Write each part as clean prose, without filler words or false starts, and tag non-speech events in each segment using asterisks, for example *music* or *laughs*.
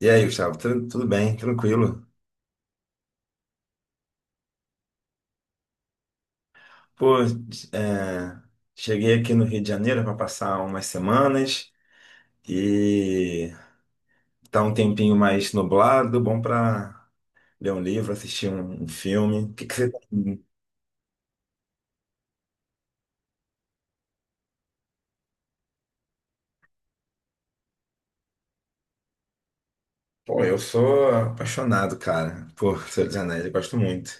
E aí, Gustavo, tudo bem? Tranquilo? Pô, é, cheguei aqui no Rio de Janeiro para passar umas semanas e tá um tempinho mais nublado, bom para ler um livro, assistir um filme. O que que você tem? Pô, eu sou apaixonado, cara, por Senhor dos Anéis, eu gosto muito.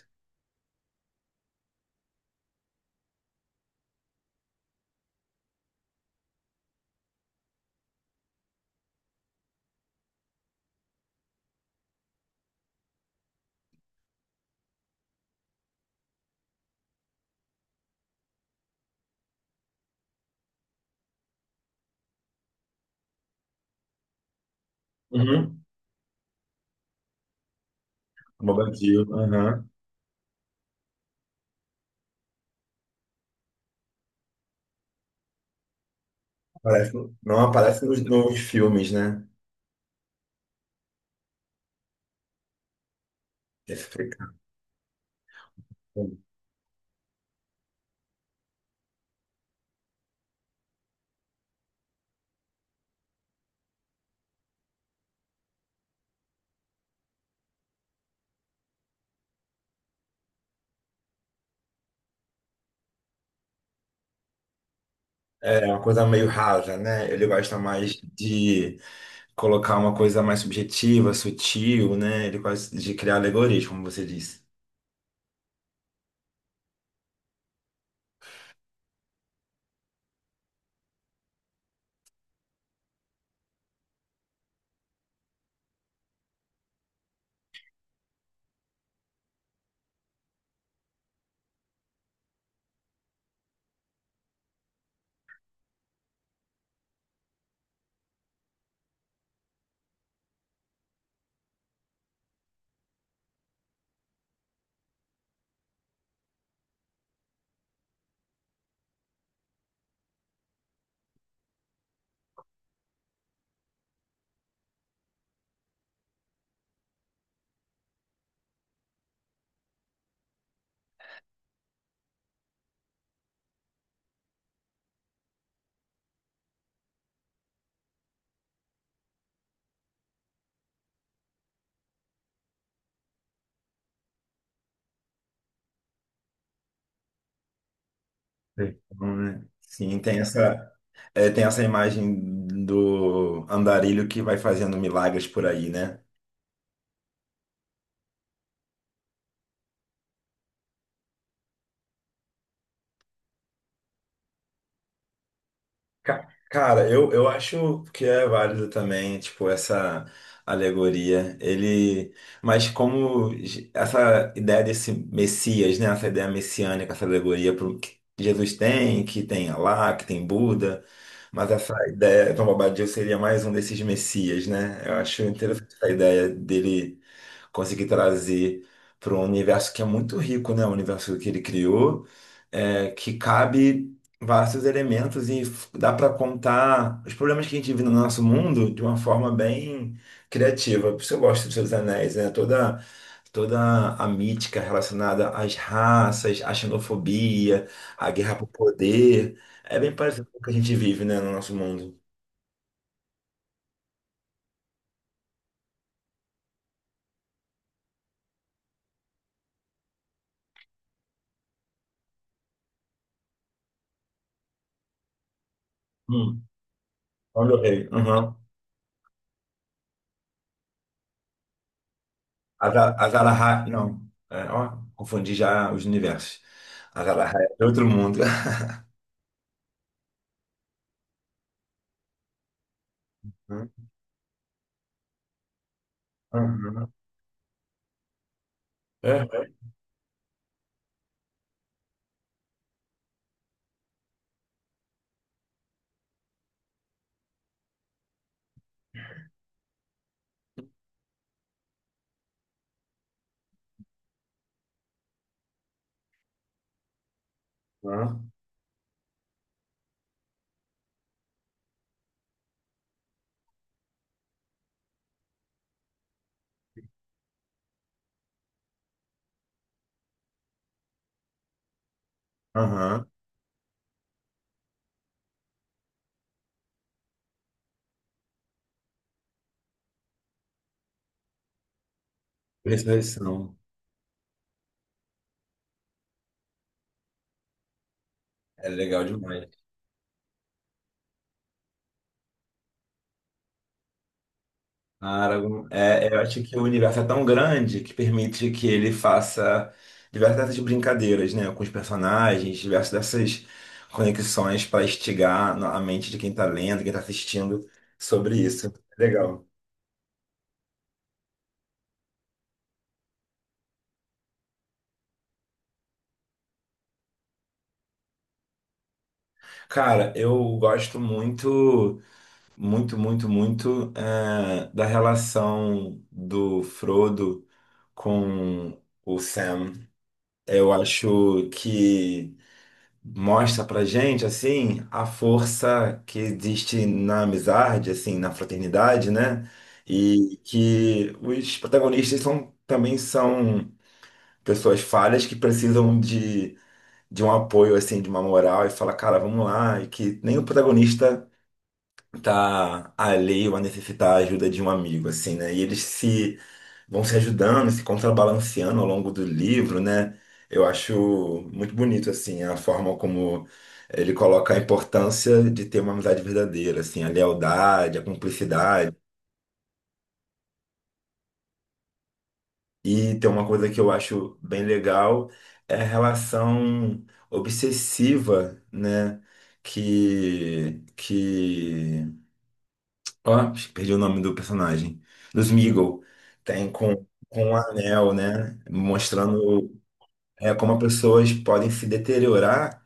Uhum. Bobadil, aham. Aparece, não aparece nos filmes, né? Esse fica- É é uma coisa meio rasa, né? Ele gosta mais de colocar uma coisa mais subjetiva, sutil, né? Ele quase de criar alegoria, como você disse. Sim. Então, né? Sim, tem essa, é, tem essa imagem do andarilho que vai fazendo milagres por aí, né? Cara, eu acho que é válido também, tipo, essa alegoria. Ele, mas como essa ideia desse Messias, né? Essa ideia messiânica, essa alegoria que Jesus tem, que tem Alá, que tem Buda. Mas essa ideia, Tom Bobadil seria mais um desses messias, né? Eu acho interessante essa ideia dele conseguir trazer para um universo que é muito rico, né? O universo que ele criou, é, que cabe vários elementos e dá para contar os problemas que a gente vive no nosso mundo de uma forma bem criativa. Por isso eu gosto dos Seus Anéis, né? Toda a mítica relacionada às raças, à xenofobia, à guerra por poder, é bem parecido com o que a gente vive, né, no nosso mundo. Hum, olha o rei. Azarahai, não. É, ó, confundi já os universos. Azarahai é outro mundo. Aham, aham, é, é, aham, aham. Ressurreição. É legal demais. Aragon, é, é, eu acho que o universo é tão grande que permite que ele faça diversas brincadeiras, né, com os personagens, diversas dessas conexões para instigar a mente de quem está lendo, quem está assistindo sobre isso. É legal. Cara, eu gosto muito. Muito, muito, muito eh, da relação do Frodo com o Sam. Eu acho que mostra pra gente, assim, a força que existe na amizade, assim, na fraternidade, né? E que os protagonistas são, também são pessoas falhas que precisam de um apoio, assim, de uma moral, e fala, cara, vamos lá, e que nem o protagonista tá alheio a necessitar a ajuda de um amigo, assim, né? E eles se vão se ajudando, se contrabalanceando ao longo do livro, né? Eu acho muito bonito, assim, a forma como ele coloca a importância de ter uma amizade verdadeira, assim, a lealdade, a cumplicidade. E tem uma coisa que eu acho bem legal, é a relação obsessiva, né? Que ó, acho que perdi o nome do personagem. Do Smeagol. Tem com um anel, né? Mostrando é, como as pessoas podem se deteriorar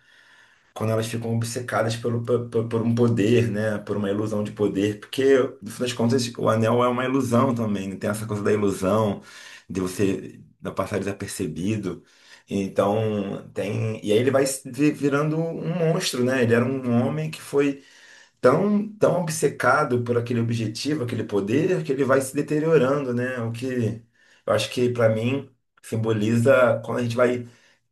quando elas ficam obcecadas pelo, por um poder, né? Por uma ilusão de poder. Porque, no fim das contas, o anel é uma ilusão também, né? Tem essa coisa da ilusão, de você da passar desapercebido. Então, tem. E aí ele vai se vi- virando um monstro, né? Ele era um homem que foi tão, tão obcecado por aquele objetivo, aquele poder, que ele vai se deteriorando, né? O que eu acho que para mim simboliza quando a gente vai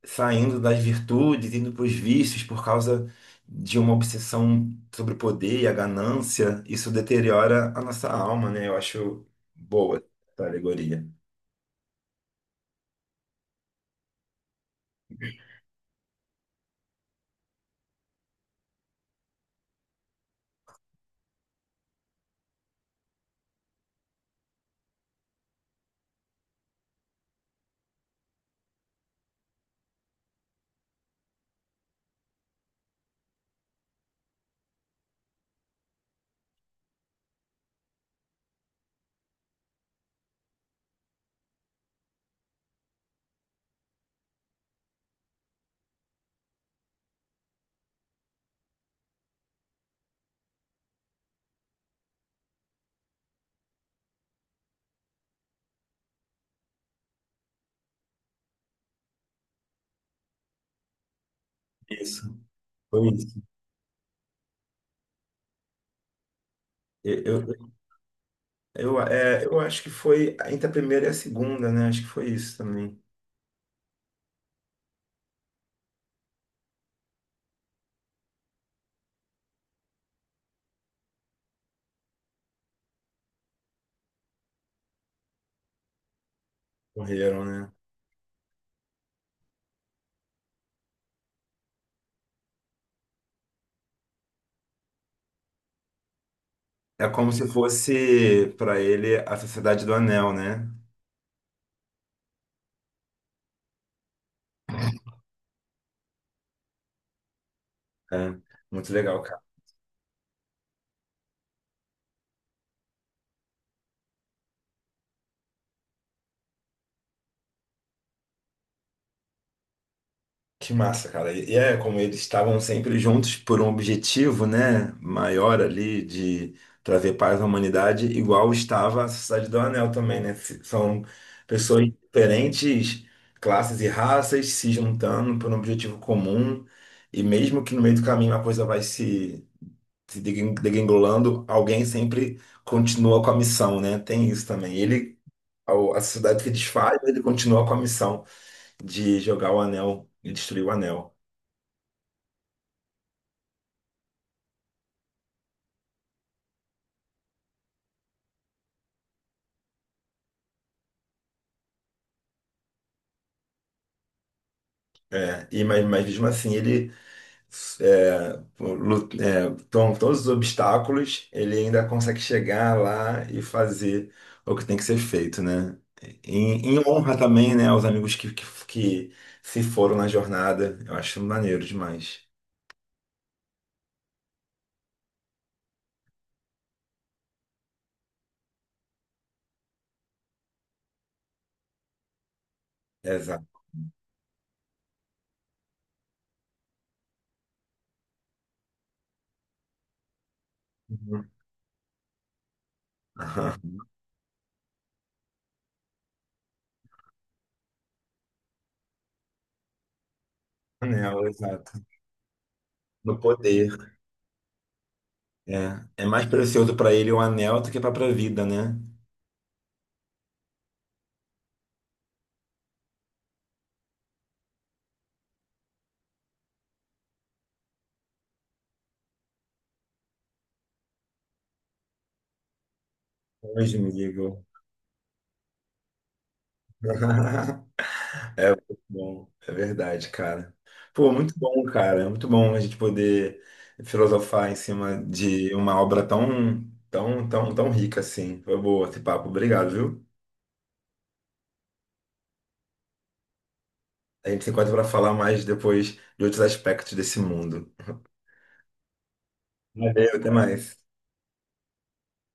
saindo das virtudes, indo para os vícios por causa de uma obsessão sobre o poder e a ganância, isso deteriora a nossa alma, né? Eu acho boa essa alegoria. Isso, foi isso. Eu, eu, é, eu acho que foi entre a primeira e a segunda, né? Acho que foi isso também. Morreram, né? É como se fosse para ele a Sociedade do Anel, né? É, muito legal, cara. Que massa, cara. E é como eles estavam sempre juntos por um objetivo, né, maior ali de trazer paz à humanidade, igual estava a Sociedade do Anel também, né? São pessoas de diferentes, classes e raças se juntando por um objetivo comum, e mesmo que no meio do caminho a coisa vai se degringolando, alguém sempre continua com a missão, né? Tem isso também. Ele a sociedade que desfaz, ele continua com a missão de jogar o anel e destruir o anel. É, e, mas mesmo assim, ele é, é, com todos os obstáculos, ele ainda consegue chegar lá e fazer o que tem que ser feito, né? Em, em honra também, né, aos amigos que se foram na jornada. Eu acho maneiro demais. Exato. Uhum. *laughs* Anel, exato. No poder. É, é mais precioso para ele o anel do que a própria vida, né? Hoje, amigo. *laughs* É muito bom, é verdade, cara. Pô, muito bom, cara. É muito bom a gente poder filosofar em cima de uma obra tão, tão, tão, tão rica assim. Foi boa esse papo. Obrigado, viu? A gente se encontra para falar mais depois de outros aspectos desse mundo. Valeu, até mais.